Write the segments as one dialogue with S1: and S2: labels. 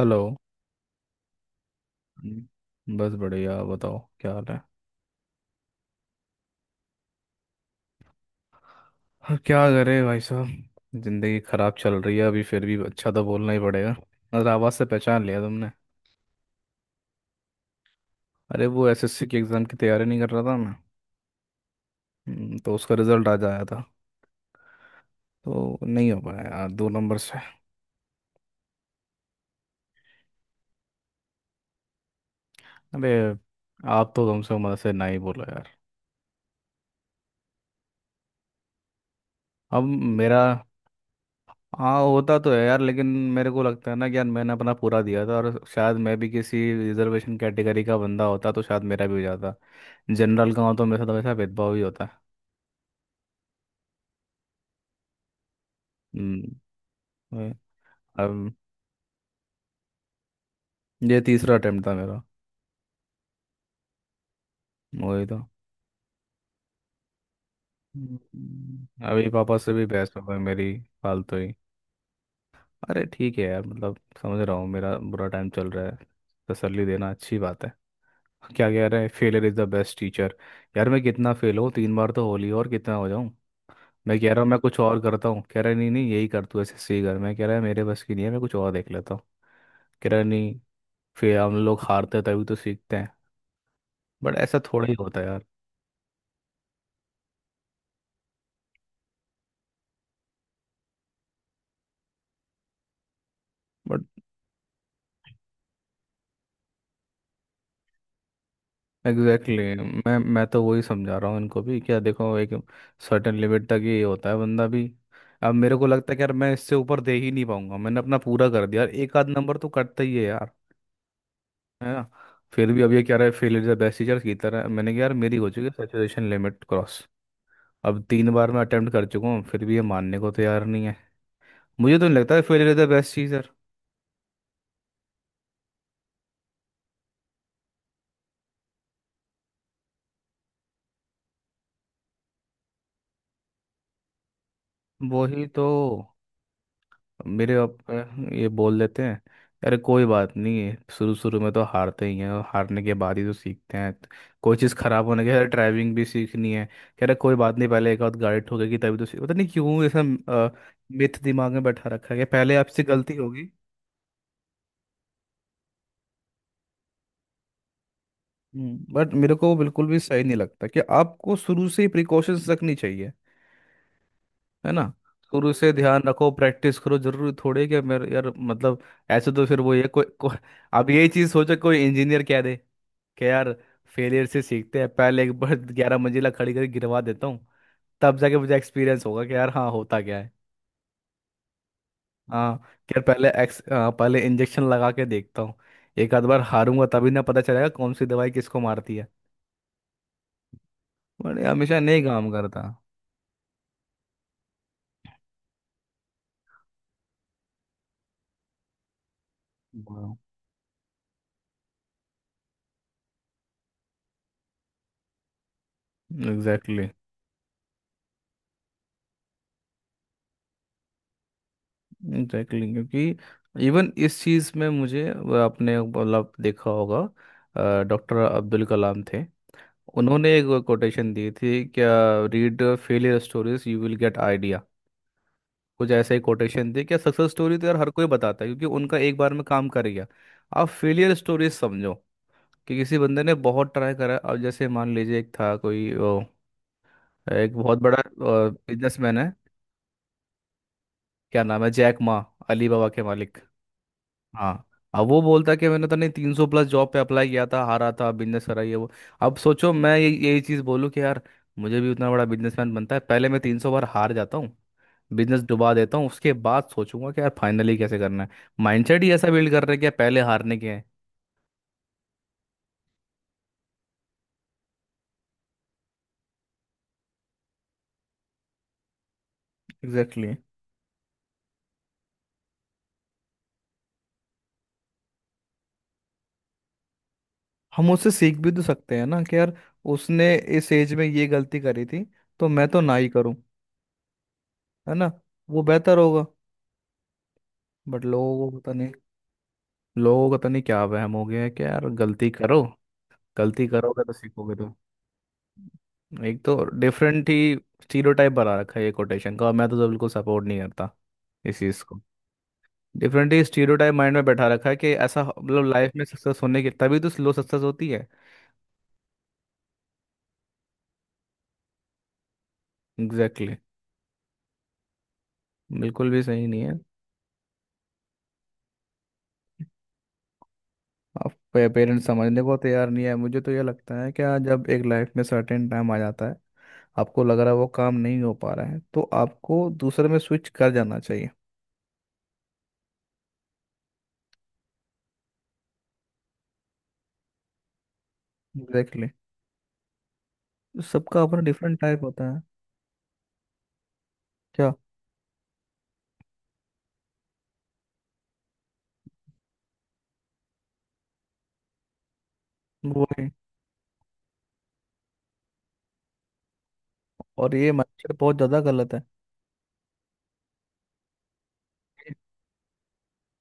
S1: Hello. बस बढ़िया बताओ, क्या हाल है? हाँ, क्या करे भाई साहब, जिंदगी खराब चल रही है अभी. फिर भी अच्छा तो बोलना ही पड़ेगा. अरे आवाज़ से पहचान लिया तुमने. अरे वो एसएससी की एग्ज़ाम की तैयारी नहीं कर रहा था मैं. तो उसका रिजल्ट आज आया था. तो नहीं हो पाया यार, 2 नंबर से. अरे आप तो कम से कम मदद से ना ही बोलो यार. अब मेरा हाँ, होता तो है यार लेकिन मेरे को लगता है ना कि यार, मैंने अपना पूरा दिया था और शायद मैं भी किसी रिजर्वेशन कैटेगरी का बंदा होता तो शायद मेरा भी हो जाता. जनरल का हो तो मेरे साथ वैसा भेदभाव ही होता है. हम्म, वही. अब ये तीसरा अटेम्प्ट था मेरा. वही तो. अभी पापा से भी बहस हो गई मेरी, फालतू ही. अरे ठीक है यार, मतलब समझ रहा हूँ मेरा बुरा टाइम चल रहा है, तसल्ली देना अच्छी बात है. क्या कह रहे हैं, failure is the best teacher. यार मैं कितना फेल हूँ, 3 बार तो होली और कितना हो जाऊँ. मैं कह रहा हूँ मैं कुछ और करता हूँ. कह रहा है नहीं नहीं, यही कर तू, ऐसे सी कर. मैं कह रहा है मेरे बस की नहीं है, मैं कुछ और देख लेता हूँ. कह रहा है, नहीं, फिर हम लोग हारते तभी तो सीखते हैं. बट ऐसा थोड़ा ही होता है यार. बट एग्जैक्टली exactly, मैं तो वही समझा रहा हूँ इनको भी, क्या देखो एक सर्टेन लिमिट तक ही होता है बंदा भी. अब मेरे को लगता है कि यार मैं इससे ऊपर दे ही नहीं पाऊंगा, मैंने अपना पूरा कर दिया यार, एक आध नंबर तो कटता ही है यार, है ना. फिर भी अब ये कह रहा है fail is the best teacher की तरह. मैंने कहा यार मेरी हो चुकी है सैचुरेशन लिमिट क्रॉस. अब 3 बार मैं अटेम्प्ट कर चुका हूँ, फिर भी ये मानने को तैयार नहीं है. मुझे तो नहीं लगता fail is the best teacher. वही तो. मेरे अप ये बोल देते हैं अरे कोई बात नहीं है, शुरू शुरू में तो हारते ही हैं और हारने के बाद ही तो सीखते हैं, तो कोई चीज़ खराब होने के. अरे ड्राइविंग भी सीखनी है, कह रहे कोई बात नहीं, पहले एक आध गाड़ी ठोकेगी तभी तो सीख. पता नहीं क्यों ऐसा मिथ दिमाग में बैठा रखा है कि पहले आपसे गलती होगी. बट मेरे को वो बिल्कुल भी सही नहीं लगता. कि आपको शुरू से ही प्रिकॉशंस रखनी चाहिए, है ना. शुरू से ध्यान रखो, प्रैक्टिस करो, जरूरी थोड़े कि मेरे यार मतलब. ऐसे तो फिर वो ये अब यही चीज़ सोचो. कोई इंजीनियर कह दे कि यार फेलियर से सीखते हैं, पहले एक बार 11 मंजिला खड़ी करके गिरवा देता हूँ, तब जाके मुझे एक्सपीरियंस होगा कि यार हाँ होता क्या है. हाँ, कि यार पहले पहले इंजेक्शन लगा के देखता हूँ, एक आध बार हारूंगा तभी ना पता चलेगा कौन सी दवाई किसको मारती है. बट ये हमेशा नहीं काम करता. Exactly exactly. Exactly exactly. क्योंकि इवन इस चीज़ में मुझे वो, आपने मतलब देखा होगा डॉक्टर अब्दुल कलाम थे, उन्होंने एक कोटेशन दी थी क्या, read failure stories you will get idea. कुछ ऐसा ही कोटेशन थी क्या. सक्सेस स्टोरी तो यार हर कोई बताता है क्योंकि उनका एक बार में काम कर गया. आप फेलियर स्टोरीज समझो कि किसी बंदे ने बहुत ट्राई करा. अब जैसे मान लीजिए एक था एक बहुत बड़ा बिजनेसमैन है, क्या नाम है, जैक मा, अली बाबा के मालिक. हाँ, अब वो बोलता कि मैंने तो नहीं, 300+ जॉब पे अप्लाई किया था, हारा था, बिजनेस करा ये वो. अब सोचो मैं ये यही चीज़ बोलूँ कि यार मुझे भी उतना बड़ा बिजनेसमैन बनता है, पहले मैं 300 बार हार जाता हूँ, बिजनेस डुबा देता हूँ, उसके बाद सोचूंगा कि यार फाइनली कैसे करना है. माइंडसेट ही ऐसा बिल्ड कर रहे हैं कि यार पहले हारने के हैं. Exactly exactly. हम उससे सीख भी तो सकते हैं ना कि यार उसने इस एज में ये गलती करी थी, तो मैं तो ना ही करूं, है ना, वो बेहतर होगा. बट लोगों को पता नहीं, लोगों को पता नहीं क्या वहम हो गया है कि यार गलती करो, गलती करोगे तो सीखोगे तो. एक तो डिफरेंट ही स्टीरियोटाइप बना रखा है ये कोटेशन का, और मैं तो बिल्कुल सपोर्ट नहीं करता इस चीज़ को. डिफरेंट ही स्टीरियोटाइप माइंड में बैठा रखा है कि मतलब लाइफ में सक्सेस होने की तभी तो स्लो सक्सेस होती है. Exactly exactly. बिल्कुल भी सही नहीं है. अब पेरेंट्स समझने को तैयार नहीं है. मुझे तो ये लगता है कि आज जब एक लाइफ में सर्टेन टाइम आ जाता है, आपको लग रहा है वो काम नहीं हो पा रहा है, तो आपको दूसरे में स्विच कर जाना चाहिए. Exactly exactly. सबका अपना डिफरेंट टाइप होता है. क्या, वही. और ये माइंडसेट बहुत ज़्यादा गलत है.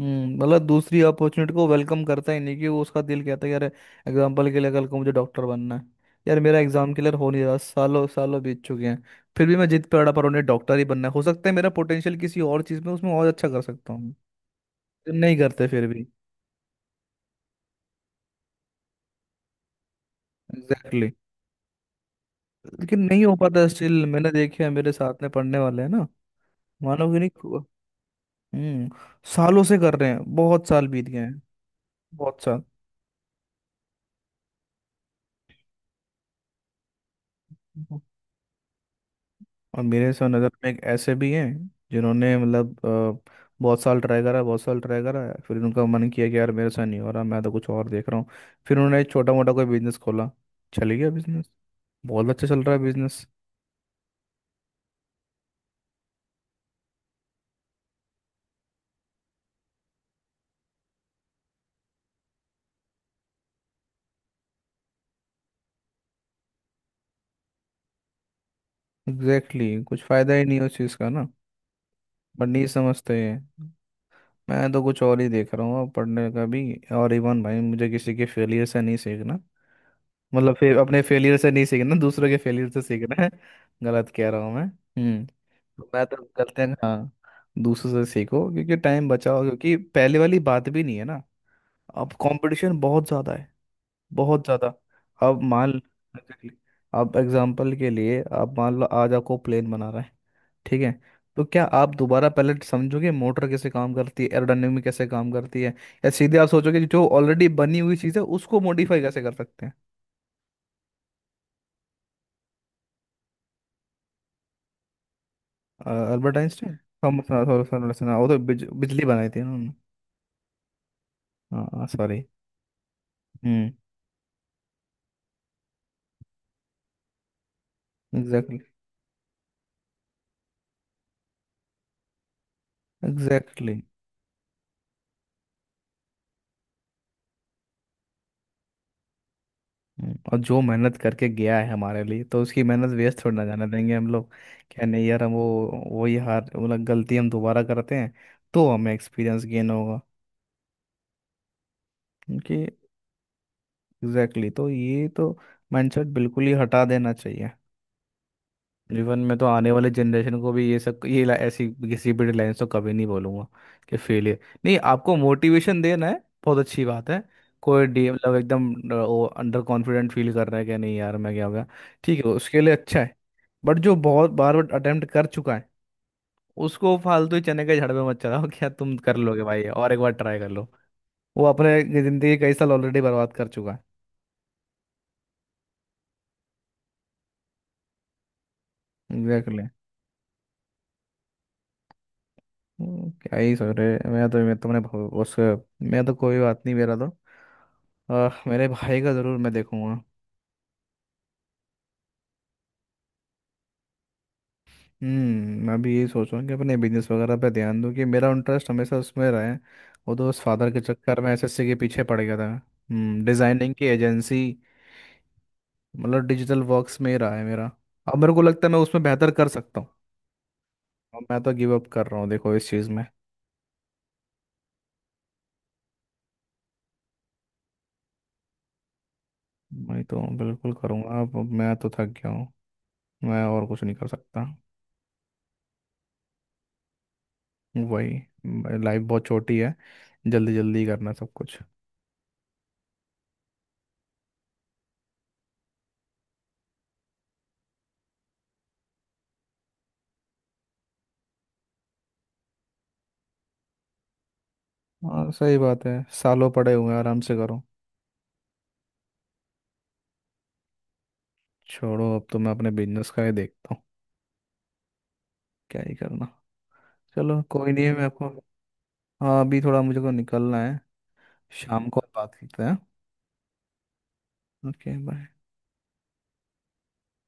S1: हम्म, मतलब दूसरी अपॉर्चुनिटी को वेलकम करता ही नहीं. कि वो उसका दिल कहता है यार, एग्जाम्पल के लिए कल को मुझे डॉक्टर बनना है, यार मेरा एग्जाम क्लियर हो नहीं रहा, सालों सालों बीत चुके हैं, फिर भी मैं जिद पे अड़ा पर उन्हें डॉक्टर ही बनना है. हो सकता है मेरा पोटेंशियल किसी और चीज़ में, उसमें और अच्छा कर सकता हूँ, लेकिन नहीं करते फिर भी. Exactly exactly. लेकिन नहीं हो पाता स्टिल. मैंने देखे हैं मेरे साथ में पढ़ने वाले हैं ना, मानोगे नहीं खु- हम्म, सालों से कर रहे हैं, बहुत साल बीत गए हैं, बहुत साल. और मेरे से नज़र में एक ऐसे भी हैं जिन्होंने बहुत साल ट्राई करा, बहुत साल ट्राई करा. फिर उनका मन किया कि यार मेरे साथ नहीं हो रहा, मैं तो कुछ और देख रहा हूँ. फिर उन्होंने एक छोटा मोटा कोई बिजनेस खोला, चल गया बिजनेस, बहुत अच्छा चल रहा है बिजनेस. Exactly exactly. कुछ फ़ायदा ही नहीं उस चीज़ का ना. बट नहीं समझते हैं. मैं तो कुछ और ही देख रहा हूँ अब, पढ़ने का भी. और इवन भाई मुझे किसी के फेलियर से नहीं सीखना, मतलब फिर अपने फेलियर से नहीं सीखना, दूसरों के फेलियर से सीखना है गलत कह रहा हूँ मैं? हम्म. तो मैं तो गलत है हाँ. दूसरों से सीखो क्योंकि टाइम बचाओ, क्योंकि पहले वाली बात भी नहीं है ना. अब कंपटीशन बहुत ज़्यादा है, बहुत ज़्यादा. अब मान Exactly. अब एग्जाम्पल के लिए आप मान लो आज आपको प्लेन बना रहा है, ठीक है, तो क्या आप दोबारा पहले समझोगे मोटर कैसे काम करती है, एरोडायनेमिक कैसे काम करती है, या सीधे आप सोचोगे कि जो ऑलरेडी बनी हुई चीज़ है उसको मॉडिफाई कैसे कर सकते हैं. Albert Einstein? थॉमस एडिसन, वो तो बिजली बनाई थी ना उन्होंने. हाँ सॉरी. हम्म. एग्जैक्टली. Exactly exactly. और जो मेहनत करके गया है हमारे लिए, तो उसकी मेहनत वेस्ट थोड़ी ना जाने देंगे हम लोग. क्या नहीं यार हम वो, वही हार मतलब गलती हम दोबारा करते हैं तो हमें एक्सपीरियंस गेन होगा. क्योंकि एग्जैक्टली exactly. तो ये तो माइंडसेट बिल्कुल ही हटा देना चाहिए. जीवन में तो आने वाले जनरेशन को भी ये सब ये ऐसी किसी भी लाइन तो कभी नहीं बोलूंगा कि फेलियर. नहीं, आपको मोटिवेशन देना है, बहुत अच्छी बात है. कोई डी मतलब एकदम वो अंडर कॉन्फिडेंट फील कर रहा है कि नहीं यार मैं क्या हो गया, ठीक है उसके लिए अच्छा है. बट जो बहुत बार बार अटेम्प्ट कर चुका है, उसको फालतू ही चने के झड़ पे मत चलाओ क्या तुम कर लोगे भाई, और एक बार ट्राई कर लो. वो अपने जिंदगी कई साल ऑलरेडी बर्बाद कर चुका है. एग्जैक्टली. क्या ही सोच रहे. मैं तो मैं तुमने बहु- उस मैं तो कोई बात नहीं मेरा तो. मेरे भाई का ज़रूर मैं देखूंगा. हम्म, मैं भी यही सोच रहा हूँ कि अपने बिजनेस वगैरह पे ध्यान दूँ, कि मेरा इंटरेस्ट हमेशा उसमें रहे. वो तो उस फादर के चक्कर में एसएससी के पीछे पड़ गया था. हम्म, डिज़ाइनिंग की एजेंसी, मतलब डिजिटल वर्क्स में ही रहा है मेरा. अब मेरे को लगता है मैं उसमें बेहतर कर सकता हूँ. अब मैं तो गिव अप कर रहा हूँ देखो इस चीज़ में. मैं तो बिल्कुल करूँगा, अब मैं तो थक गया हूँ, मैं और कुछ नहीं कर सकता. वही, लाइफ बहुत छोटी है, जल्दी जल्दी करना सब कुछ. हाँ सही बात है, सालों पड़े हुए हैं आराम से करो. छोड़ो, अब तो मैं अपने बिजनेस का ही देखता हूँ, क्या ही करना. चलो कोई नहीं है, मैं आपको. हाँ अभी थोड़ा मुझे को निकलना है, शाम को बात करते हैं. Okay bye.